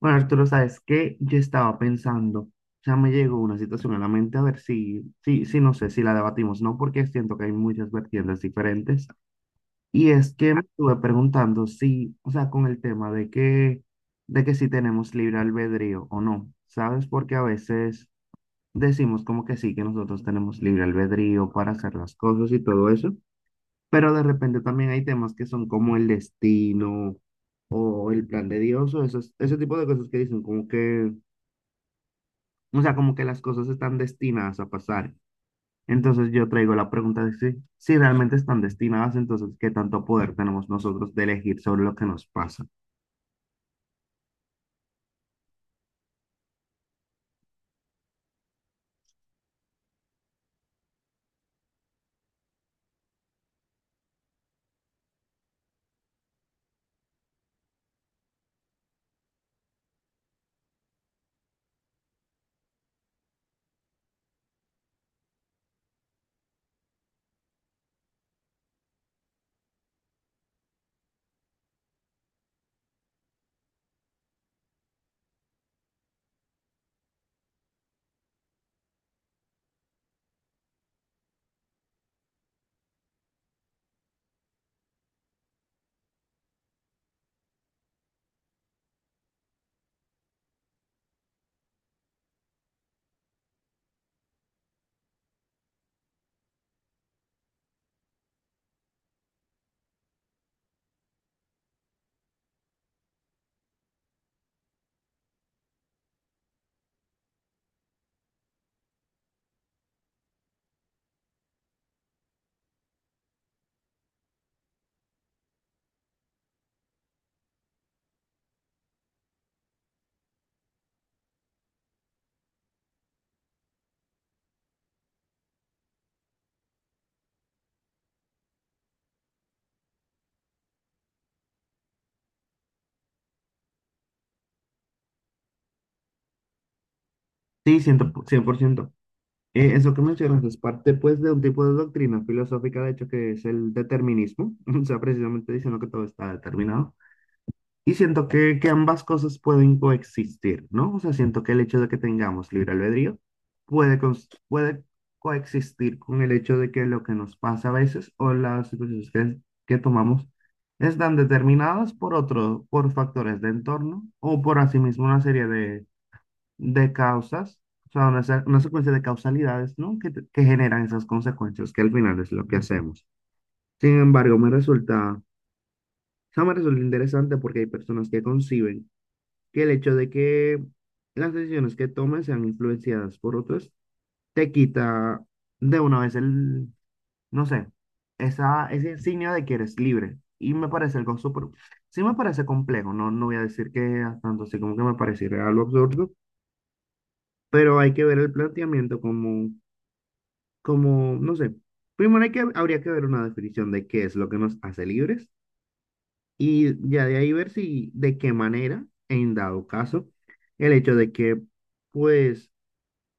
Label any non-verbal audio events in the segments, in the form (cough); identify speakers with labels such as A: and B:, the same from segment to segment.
A: Bueno, Arturo, ¿sabes qué? Yo estaba pensando, ya me llegó una situación a la mente, a ver si no sé si la debatimos, ¿no? Porque siento que hay muchas vertientes diferentes. Y es que me estuve preguntando si, o sea, con el tema de que si tenemos libre albedrío o no, ¿sabes? Porque a veces decimos como que sí, que nosotros tenemos libre albedrío para hacer las cosas y todo eso, pero de repente también hay temas que son como el destino o el plan de Dios o ese tipo de cosas que dicen como que. O sea, como que las cosas están destinadas a pasar. Entonces yo traigo la pregunta de si realmente están destinadas, entonces, ¿qué tanto poder tenemos nosotros de elegir sobre lo que nos pasa? Sí, 100%. Eso que mencionas es parte, pues, de un tipo de doctrina filosófica, de hecho, que es el determinismo. (laughs) O sea, precisamente diciendo que todo está determinado. Y siento que ambas cosas pueden coexistir, ¿no? O sea, siento que el hecho de que tengamos libre albedrío puede, puede coexistir con el hecho de que lo que nos pasa a veces o las situaciones que tomamos están determinadas por otro, por factores de entorno o por asimismo una serie de causas, o sea, una, una secuencia de causalidades, ¿no? Que, que generan esas consecuencias, que al final es lo que hacemos. Sin embargo, me resulta... O sea, me resulta interesante porque hay personas que conciben que el hecho de que las decisiones que tomes sean influenciadas por otros te quita de una vez el, no sé, esa, ese insignia de que eres libre. Y me parece algo súper, sí me parece complejo, no, no voy a decir que a tanto así como que me pareciera algo absurdo, pero hay que ver el planteamiento como, como, no sé, primero hay habría que ver una definición de qué es lo que nos hace libres y ya de ahí ver si, de qué manera, en dado caso, el hecho de que, pues,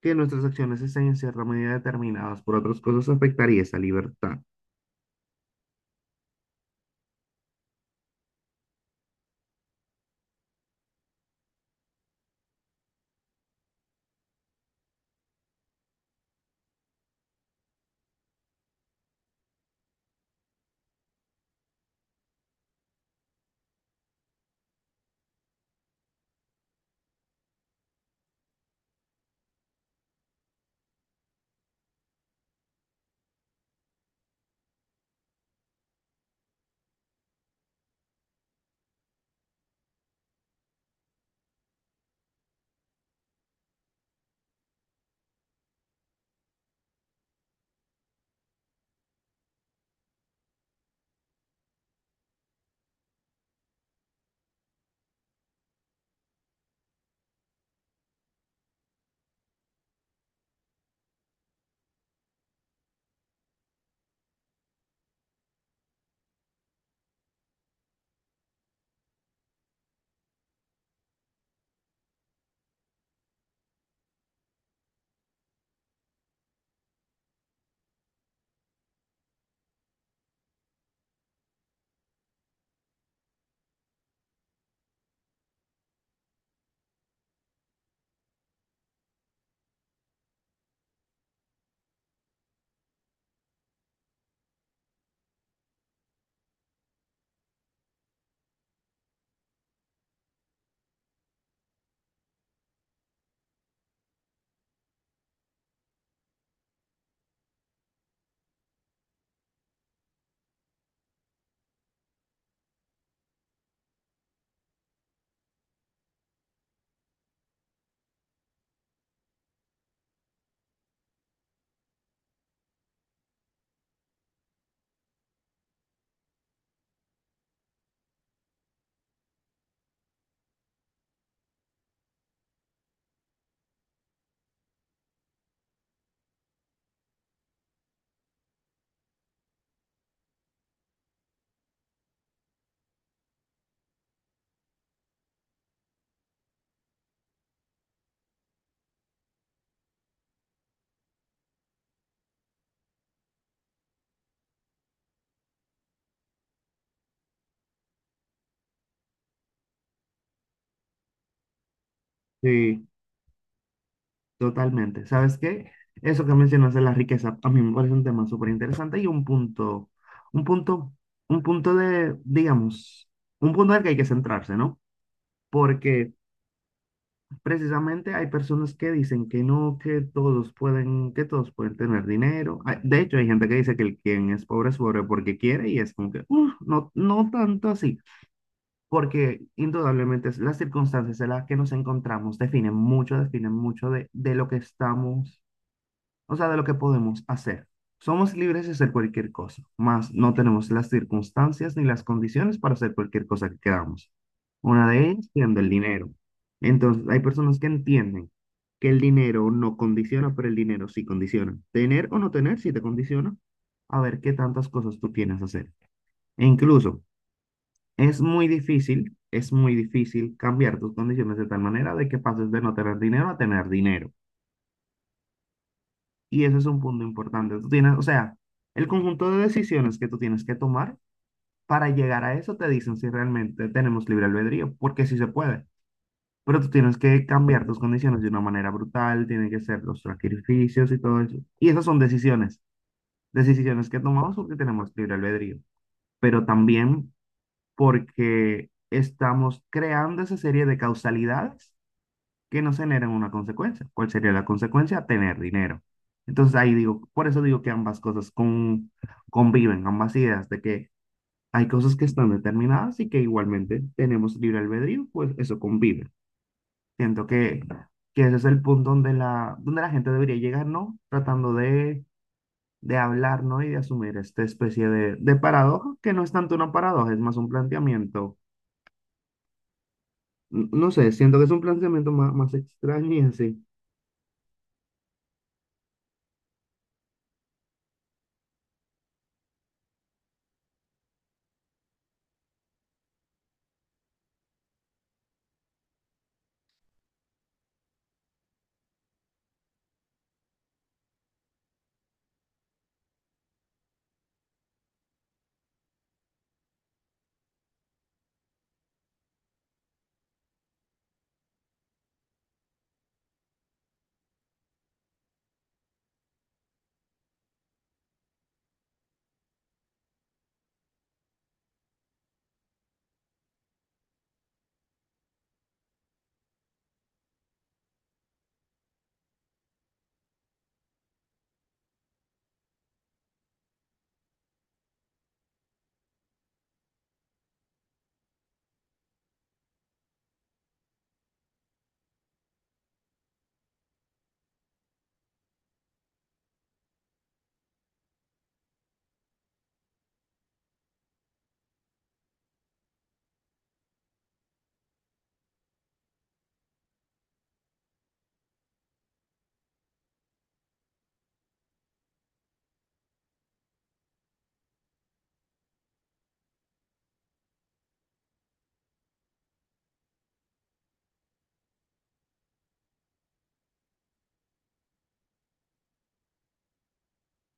A: que nuestras acciones estén en cierta medida determinadas por otras cosas afectaría esa libertad. Sí, totalmente. ¿Sabes qué? Eso que mencionas de la riqueza, a mí me parece un tema súper interesante y un punto, un punto de, digamos, un punto en el que hay que centrarse, ¿no? Porque precisamente hay personas que dicen que no, que todos pueden tener dinero. Ah, de hecho, hay gente que dice que el quien es pobre porque quiere y es como que, "Uf, no, no tanto así". Porque indudablemente las circunstancias en las que nos encontramos definen mucho de lo que estamos, o sea, de lo que podemos hacer. Somos libres de hacer cualquier cosa, más no tenemos las circunstancias ni las condiciones para hacer cualquier cosa que queramos. Una de ellas siendo el dinero. Entonces, hay personas que entienden que el dinero no condiciona, pero el dinero sí condiciona. Tener o no tener sí te condiciona a ver qué tantas cosas tú tienes que hacer. E incluso, es muy difícil cambiar tus condiciones de tal manera de que pases de no tener dinero a tener dinero. Y ese es un punto importante. Tú tienes, o sea, el conjunto de decisiones que tú tienes que tomar para llegar a eso te dicen si realmente tenemos libre albedrío, porque sí se puede. Pero tú tienes que cambiar tus condiciones de una manera brutal, tienen que ser los sacrificios y todo eso. Y esas son decisiones, decisiones que tomamos porque tenemos libre albedrío, pero también porque estamos creando esa serie de causalidades que no generan una consecuencia. ¿Cuál sería la consecuencia? Tener dinero. Entonces ahí digo, por eso digo que ambas cosas conviven, ambas ideas de que hay cosas que están determinadas y que igualmente tenemos libre albedrío, pues eso convive. Siento que ese es el punto donde la gente debería llegar, ¿no? Tratando de hablar, ¿no? Y de asumir esta especie de paradoja, que no es tanto una paradoja, es más un planteamiento, no sé, siento que es un planteamiento más, más extraño y así.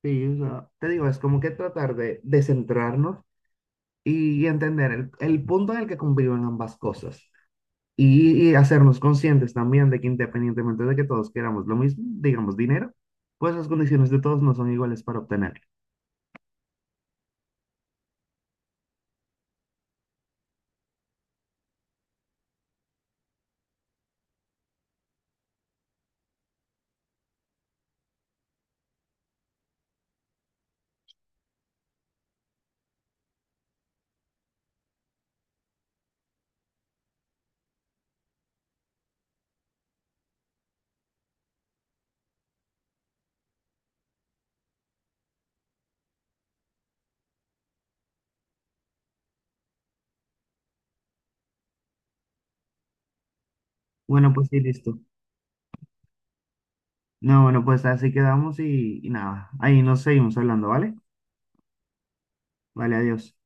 A: Sí, o sea, te digo, es como que tratar de centrarnos y entender el punto en el que conviven ambas cosas y hacernos conscientes también de que independientemente de que todos queramos lo mismo, digamos dinero, pues las condiciones de todos no son iguales para obtenerlo. Bueno, pues sí, listo. No, bueno, pues así quedamos y nada, ahí nos seguimos hablando, ¿vale? Vale, adiós.